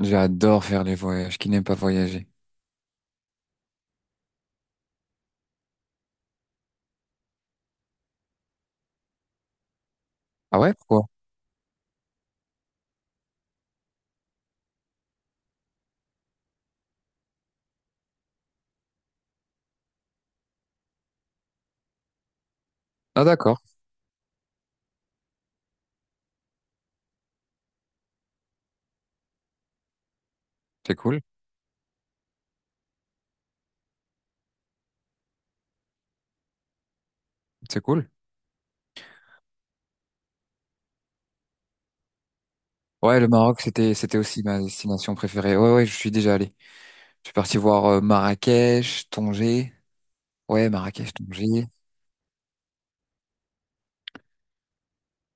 J'adore faire les voyages. Qui n'aime pas voyager? Ah ouais, pourquoi? Ah d'accord, c'est cool, c'est cool. Ouais, le Maroc, c'était aussi ma destination préférée. Ouais, ouais, je suis déjà allé. Je suis parti voir Marrakech, Tanger. Ouais, Marrakech, Tanger.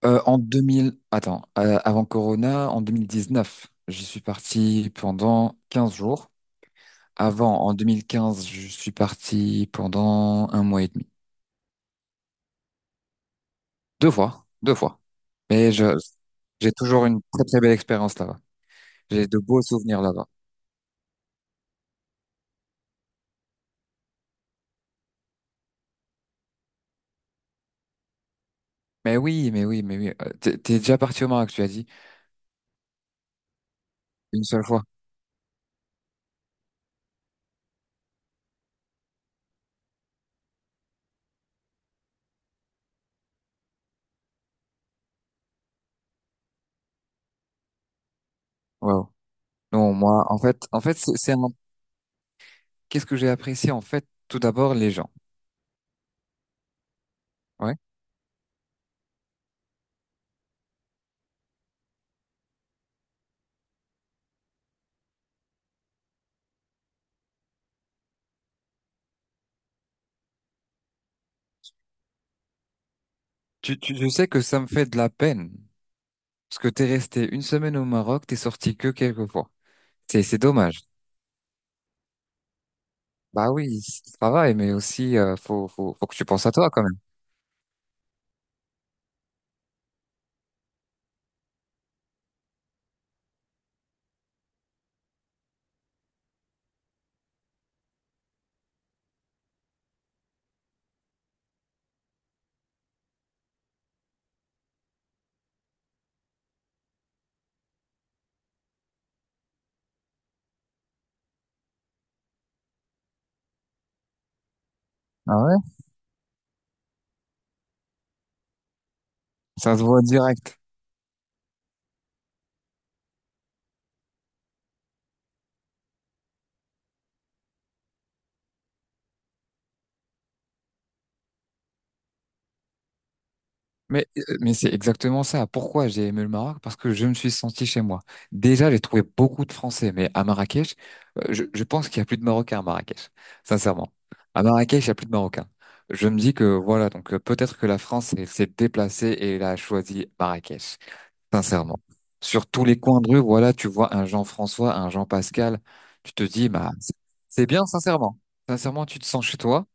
En 2000, attends, avant Corona, en 2019, j'y suis parti pendant 15 jours. Avant, en 2015, je suis parti pendant un mois et demi. Deux fois, deux fois. Mais je, j'ai toujours une très très belle expérience là-bas. J'ai de beaux souvenirs là-bas. Mais oui, mais oui, mais oui. T'es déjà parti au Maroc, tu as dit, une seule fois. Waouh. Non, moi, en fait, c'est un... Qu'est-ce que j'ai apprécié, en fait, tout d'abord, les gens. Ouais. Je sais que ça me fait de la peine. Parce que t'es resté une semaine au Maroc, t'es sorti que quelques fois. C'est dommage. Bah oui, c'est le travail, mais aussi, faut que tu penses à toi, quand même. Ah ouais? Ça se voit direct. Mais c'est exactement ça. Pourquoi j'ai aimé le Maroc? Parce que je me suis senti chez moi. Déjà, j'ai trouvé beaucoup de Français, mais à Marrakech, je pense qu'il y a plus de Marocains à Marrakech, sincèrement. À Marrakech, il y a plus de Marocains. Je me dis que voilà, donc peut-être que la France s'est déplacée et elle a choisi Marrakech, sincèrement. Sur tous les coins de rue, voilà, tu vois un Jean-François, un Jean-Pascal, tu te dis, bah, c'est bien, sincèrement. Sincèrement, tu te sens chez toi.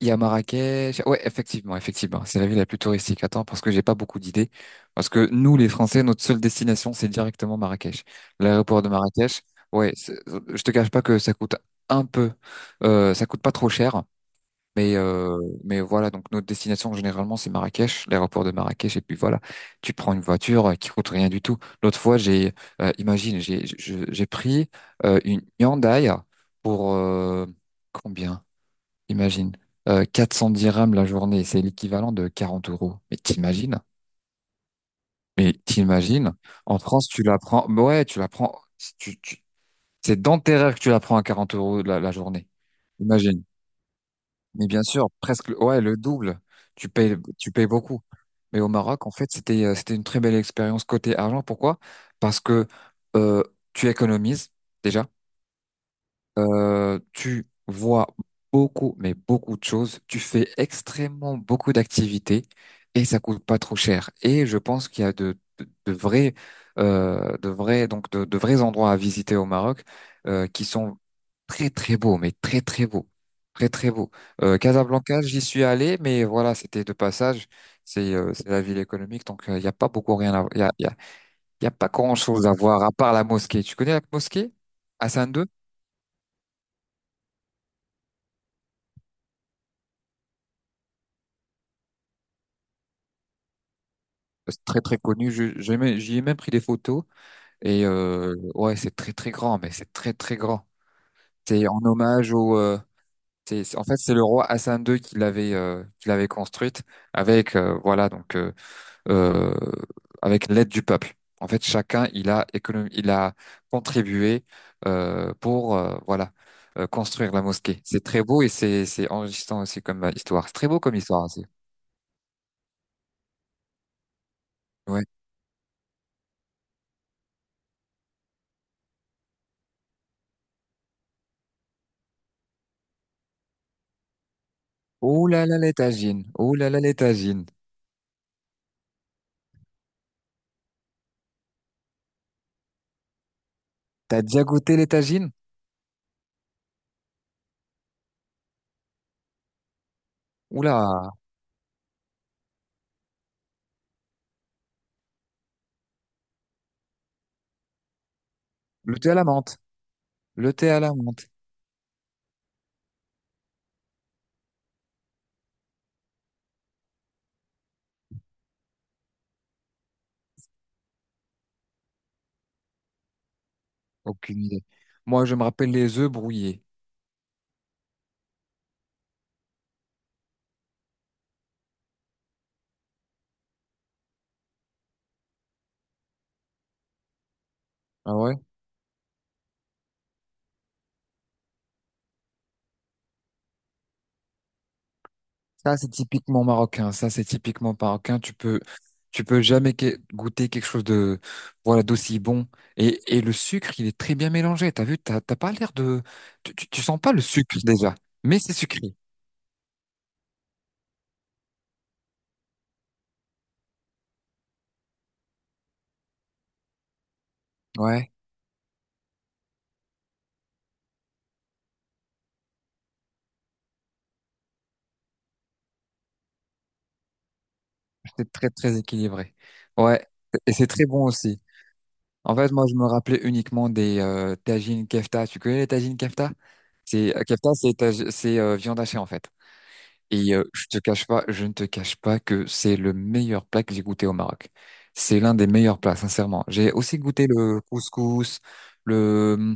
Il y a Marrakech. Ouais, effectivement, effectivement. C'est la ville la plus touristique. Attends, parce que j'ai pas beaucoup d'idées. Parce que nous, les Français, notre seule destination, c'est directement Marrakech. L'aéroport de Marrakech. Ouais, je te cache pas que ça coûte un peu, ça coûte pas trop cher. Mais, euh, mais voilà, donc notre destination généralement c'est Marrakech, l'aéroport de Marrakech, et puis voilà, tu prends une voiture qui coûte rien du tout. L'autre fois, imagine, j'ai pris une Hyundai pour combien? Imagine. 410 dirhams la journée, c'est l'équivalent de 40 euros. Mais t'imagines? Mais t'imagines? En France, tu la prends, mais ouais, tu la prends. Si tu- tu- C'est dans tes rêves que tu la prends à 40 € la journée. Imagine. Mais bien sûr, presque. Ouais, le double. Tu payes beaucoup. Mais au Maroc, en fait, c'était une très belle expérience côté argent. Pourquoi? Parce que euh, tu économises déjà. Tu vois beaucoup, mais beaucoup de choses. Tu fais extrêmement beaucoup d'activités et ça coûte pas trop cher. Et je pense qu'il y a de vrais, de vrais, donc de vrais endroits à visiter au Maroc qui sont très très beaux, mais très très beaux, très très beaux. Casablanca, j'y suis allé, mais voilà, c'était de passage. C'est la ville économique, donc il n'y a pas beaucoup rien à, il y a pas grand-chose à voir à part la mosquée. Tu connais la mosquée? Hassan. C'est très très connu. J'y ai même pris des photos. Et ouais, c'est très très grand, mais c'est très très grand. C'est en hommage au. En fait, c'est le roi Hassan II qui l'avait construite avec voilà donc euh, avec l'aide du peuple. En fait, chacun il a contribué pour voilà construire la mosquée. C'est très beau et c'est enrichissant aussi comme histoire. C'est très beau comme histoire aussi. Ouais. Oh là là les tagines. Oh là là les tagines. T'as déjà goûté les tagines? Oula, le thé à la menthe. Le thé à la menthe. Aucune idée. Moi, je me rappelle les œufs brouillés. Ah ouais? Ça, c'est typiquement marocain. Ça, c'est typiquement marocain. Tu peux jamais goûter quelque chose de, voilà, d'aussi bon. Et le sucre, il est très bien mélangé. T'as vu, t'as pas l'air de, tu sens pas le sucre déjà. Mais c'est sucré. Ouais, c'est très, très équilibré. Ouais. Et c'est très bon aussi. En fait, moi, je me rappelais uniquement des tagines kefta. Tu connais les tagines kefta? C'est Kefta, c'est viande hachée en fait. Et je te cache pas, je ne te cache pas que c'est le meilleur plat que j'ai goûté au Maroc. C'est l'un des meilleurs plats, sincèrement. J'ai aussi goûté le couscous, le.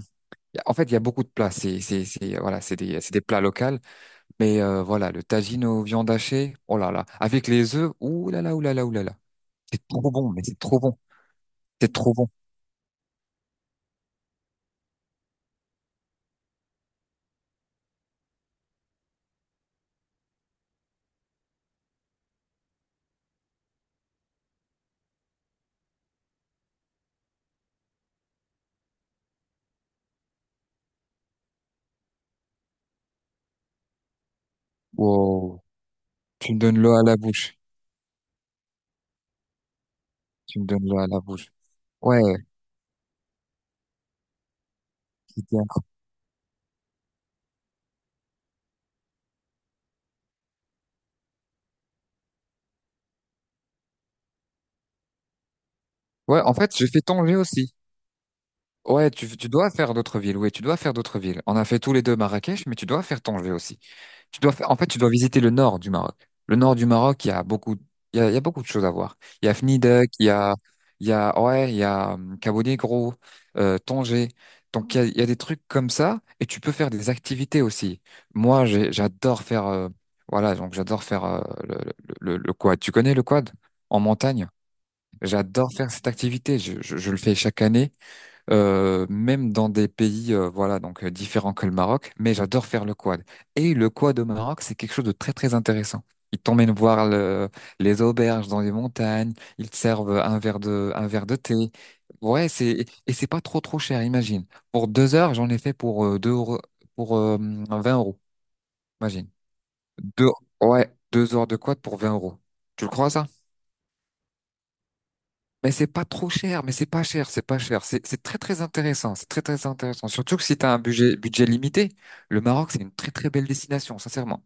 En fait, il y a beaucoup de plats. C'est des plats locaux. Mais voilà, le tagine aux viandes hachées, oh là là, avec les œufs, ouh là là, ouh là là, ouh là là. C'est trop bon, mais c'est trop bon, c'est trop bon. Wow, tu me donnes l'eau à la bouche, tu me donnes l'eau à la bouche. Ouais, c'était incroyable. Ouais, en fait, j'ai fait tonger aussi. Ouais, tu dois faire d'autres villes, oui, tu dois faire d'autres villes. On a fait tous les deux Marrakech, mais tu dois faire Tanger aussi. En fait, tu dois visiter le nord du Maroc. Le nord du Maroc, il y a beaucoup de choses à voir. Il y a Fnideq, ouais, il y a Cabo Negro, Tanger. Donc, il y a des trucs comme ça, et tu peux faire des activités aussi. Moi, j'adore faire, voilà, donc j'adore faire le quad. Tu connais le quad en montagne? J'adore faire cette activité. Je le fais chaque année même dans des pays voilà donc différents que le Maroc, mais j'adore faire le quad. Et le quad au Maroc, c'est quelque chose de très très intéressant. Ils t'emmènent voir les auberges dans les montagnes, ils te servent un verre de thé. Ouais, c'est pas trop trop cher, imagine. Pour 2 heures, j'en ai fait pour 2 euros, pour 20 euros, imagine. Deux Ouais, 2 heures de quad pour 20 euros. Tu le crois ça? Mais c'est pas trop cher, mais c'est pas cher, c'est pas cher. C'est très très intéressant, c'est très très intéressant. Surtout que si tu as un budget limité, le Maroc c'est une très très belle destination, sincèrement.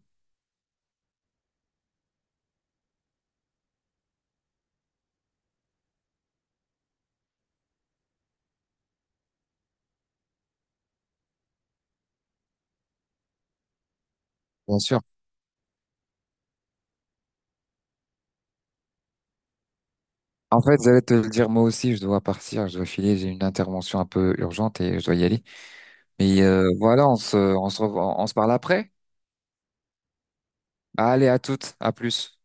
Bien sûr. En fait, j'allais te le dire moi aussi, je dois partir, je dois filer, j'ai une intervention un peu urgente et je dois y aller. Mais voilà, on se parle après. Allez, à toutes, à plus.